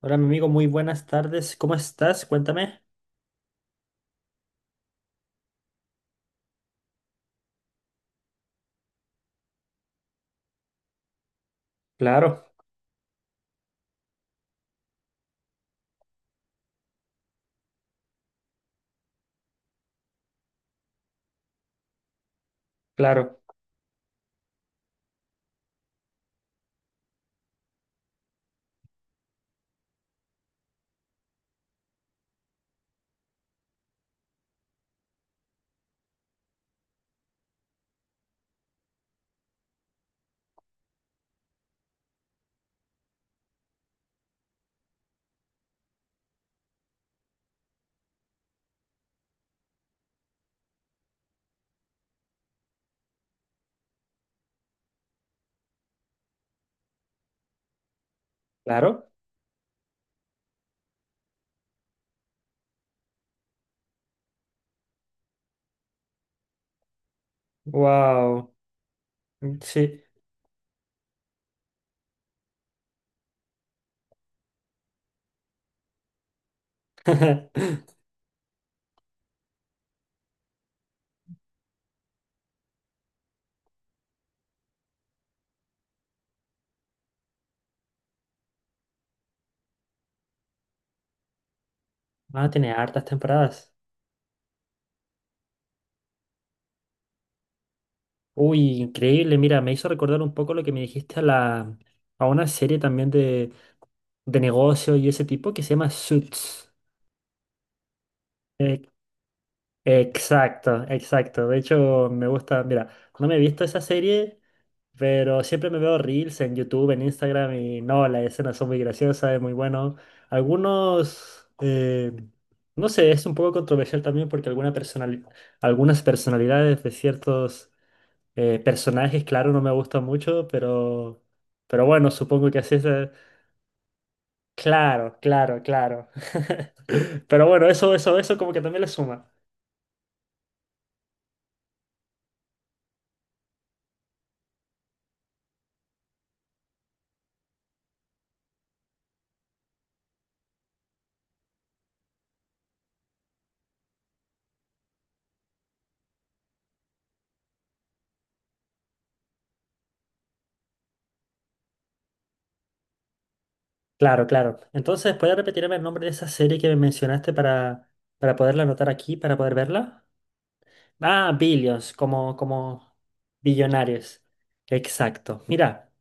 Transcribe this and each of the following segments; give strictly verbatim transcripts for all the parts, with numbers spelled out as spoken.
Hola, mi amigo, muy buenas tardes. ¿Cómo estás? Cuéntame. Claro, claro, claro. Wow. Sí. Ah, tiene hartas temporadas. Uy, increíble. Mira, me hizo recordar un poco lo que me dijiste a la a una serie también de, de negocio y ese tipo que se llama Suits. Eh, exacto, exacto. De hecho, me gusta. Mira, no me he visto esa serie. Pero siempre me veo reels en YouTube, en Instagram y no, las escenas son muy graciosas, es muy bueno. Algunos, eh, no sé, es un poco controversial también porque alguna personali- algunas personalidades de ciertos eh, personajes, claro, no me gustan mucho, pero, pero bueno, supongo que así es. eh, Claro, claro, claro. Pero bueno, eso, eso, eso como que también le suma. Claro, claro. Entonces, ¿puedes repetirme el nombre de esa serie que me mencionaste para, para poderla anotar aquí, para poder verla? Ah, billions, como, como billonarios. Exacto. Mira,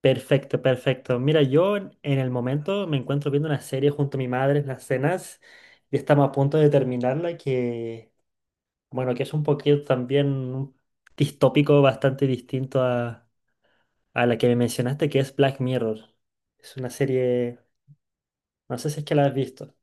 perfecto, perfecto. Mira, yo en en el momento me encuentro viendo una serie junto a mi madre en las cenas y estamos a punto de terminarla que, bueno, que es un poquito también un distópico bastante distinto a, a la que me mencionaste, que es Black Mirror. Es una serie, no sé si es que la has visto.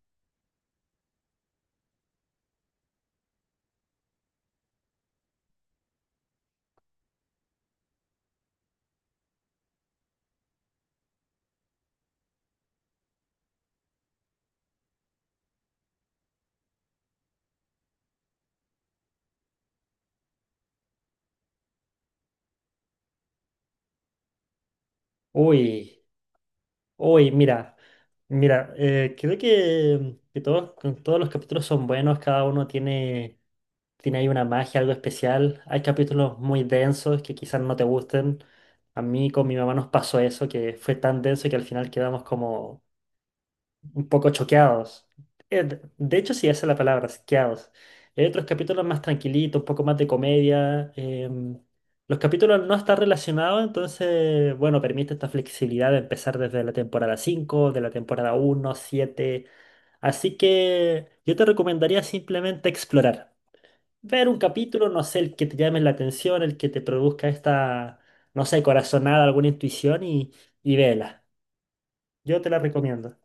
Uy. Uy, mira, mira, eh, creo que, que todos, que todos los capítulos son buenos, cada uno tiene, tiene ahí una magia, algo especial. Hay capítulos muy densos que quizás no te gusten. A mí con mi mamá nos pasó eso, que fue tan denso que al final quedamos como un poco choqueados. Eh, De de hecho, sí, esa es la palabra, choqueados. Hay otros capítulos más tranquilitos, un poco más de comedia. Em, los capítulos no están relacionados, entonces, bueno, permite esta flexibilidad de empezar desde la temporada cinco de la temporada uno siete. Así que yo te recomendaría simplemente explorar. Ver un capítulo, no sé, el que te llame la atención, el que te produzca esta, no sé, corazonada, alguna intuición y, y vela. Yo te la recomiendo.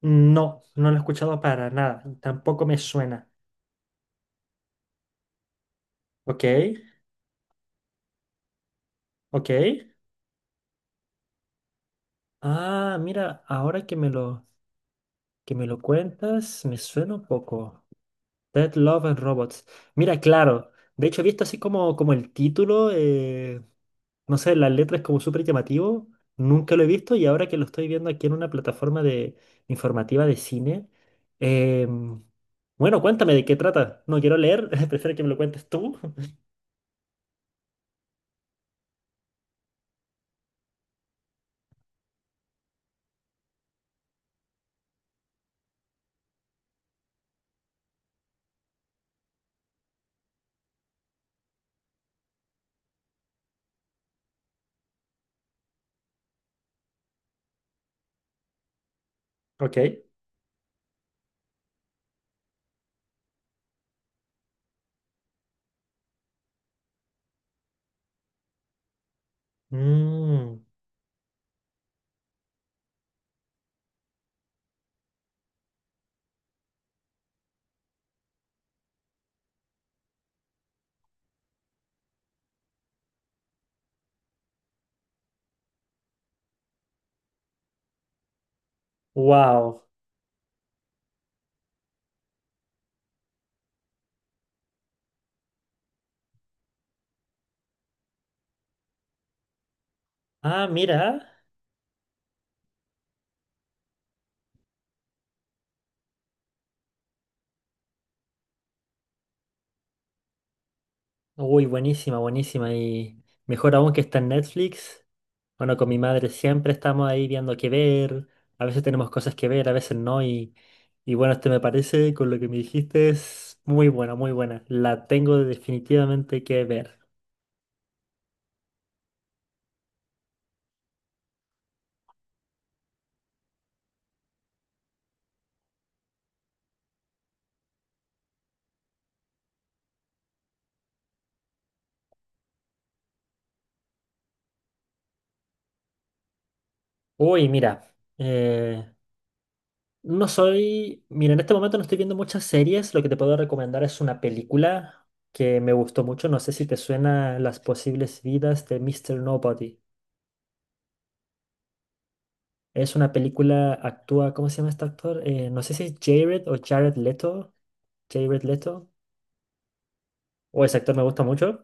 No, no lo he escuchado para nada. Tampoco me suena. Ok, ok. Ah, mira, ahora que me lo, que me lo cuentas, me suena un poco. Dead Love and Robots. Mira, claro. De hecho, he visto así como, como el título, eh, no sé, las letras como súper llamativo. Nunca lo he visto y ahora que lo estoy viendo aquí en una plataforma de informativa de cine. em, bueno, cuéntame de qué trata. No quiero leer, prefiero que me lo cuentes tú. Ok. Mm. Wow. Ah, mira. Uy, buenísima, buenísima. Y mejor aún que está en Netflix. Bueno, con mi madre siempre estamos ahí viendo qué ver. A veces tenemos cosas que ver, a veces no. Y, y bueno, este me parece, con lo que me dijiste, es muy buena, muy buena. La tengo definitivamente que ver. Uy, mira. eh, no soy. Mira, en este momento no estoy viendo muchas series. Lo que te puedo recomendar es una película que me gustó mucho. No sé si te suena Las posibles vidas de míster Nobody. Es una película, actúa, ¿cómo se llama este actor? Eh, no sé si es Jared o Jared Leto. Jared Leto. O ese actor me gusta mucho.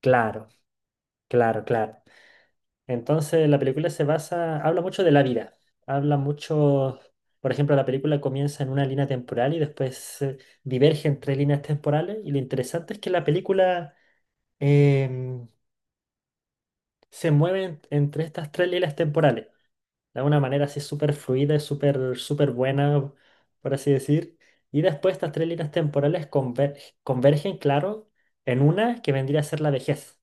Claro, claro, claro. Entonces la película se basa, habla mucho de la vida. Habla mucho, por ejemplo, la película comienza en una línea temporal y después eh, diverge entre líneas temporales. Y lo interesante es que la película em, se mueve en- entre estas tres líneas temporales, de alguna manera así súper fluida y súper súper buena, por así decir. Y después estas tres líneas temporales conver- convergen, claro, en una que vendría a ser la vejez.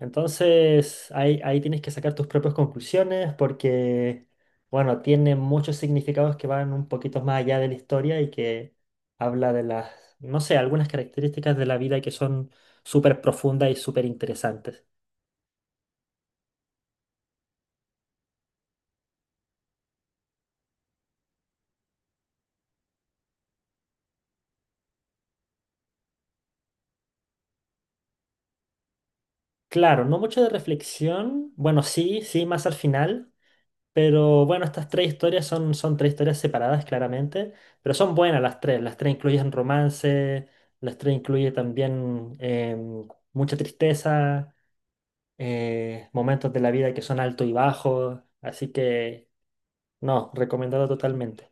Entonces ahí, ahí tienes que sacar tus propias conclusiones porque, bueno, tiene muchos significados que van un poquito más allá de la historia y que habla de las, no sé, algunas características de la vida que son súper profundas y súper interesantes. Claro, no mucho de reflexión, bueno, sí, sí, más al final. Pero bueno, estas tres historias son, son tres historias separadas claramente, pero son buenas las tres. Las tres incluyen romance, las tres incluyen también em, mucha tristeza, eh, momentos de la vida que son alto y bajo. Así que no, recomendado totalmente.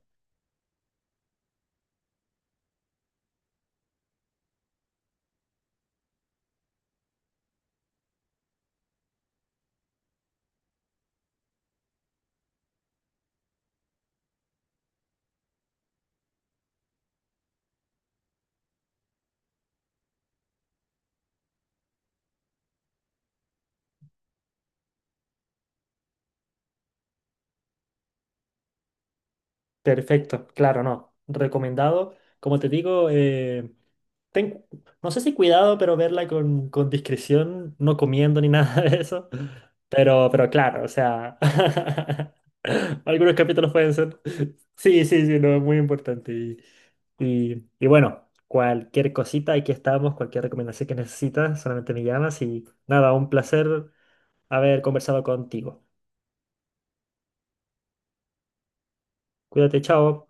Perfecto, claro, no. Recomendado. Como te digo, eh, ten- no sé si cuidado, pero verla con, con discreción, no comiendo ni nada de eso. Pero, pero claro, o sea, algunos capítulos pueden ser. Sí, sí, sí, no, es muy importante. Y, y, y bueno, cualquier cosita, aquí estamos, cualquier recomendación que necesitas, solamente me llamas y nada, un placer haber conversado contigo. Cuídate, chao.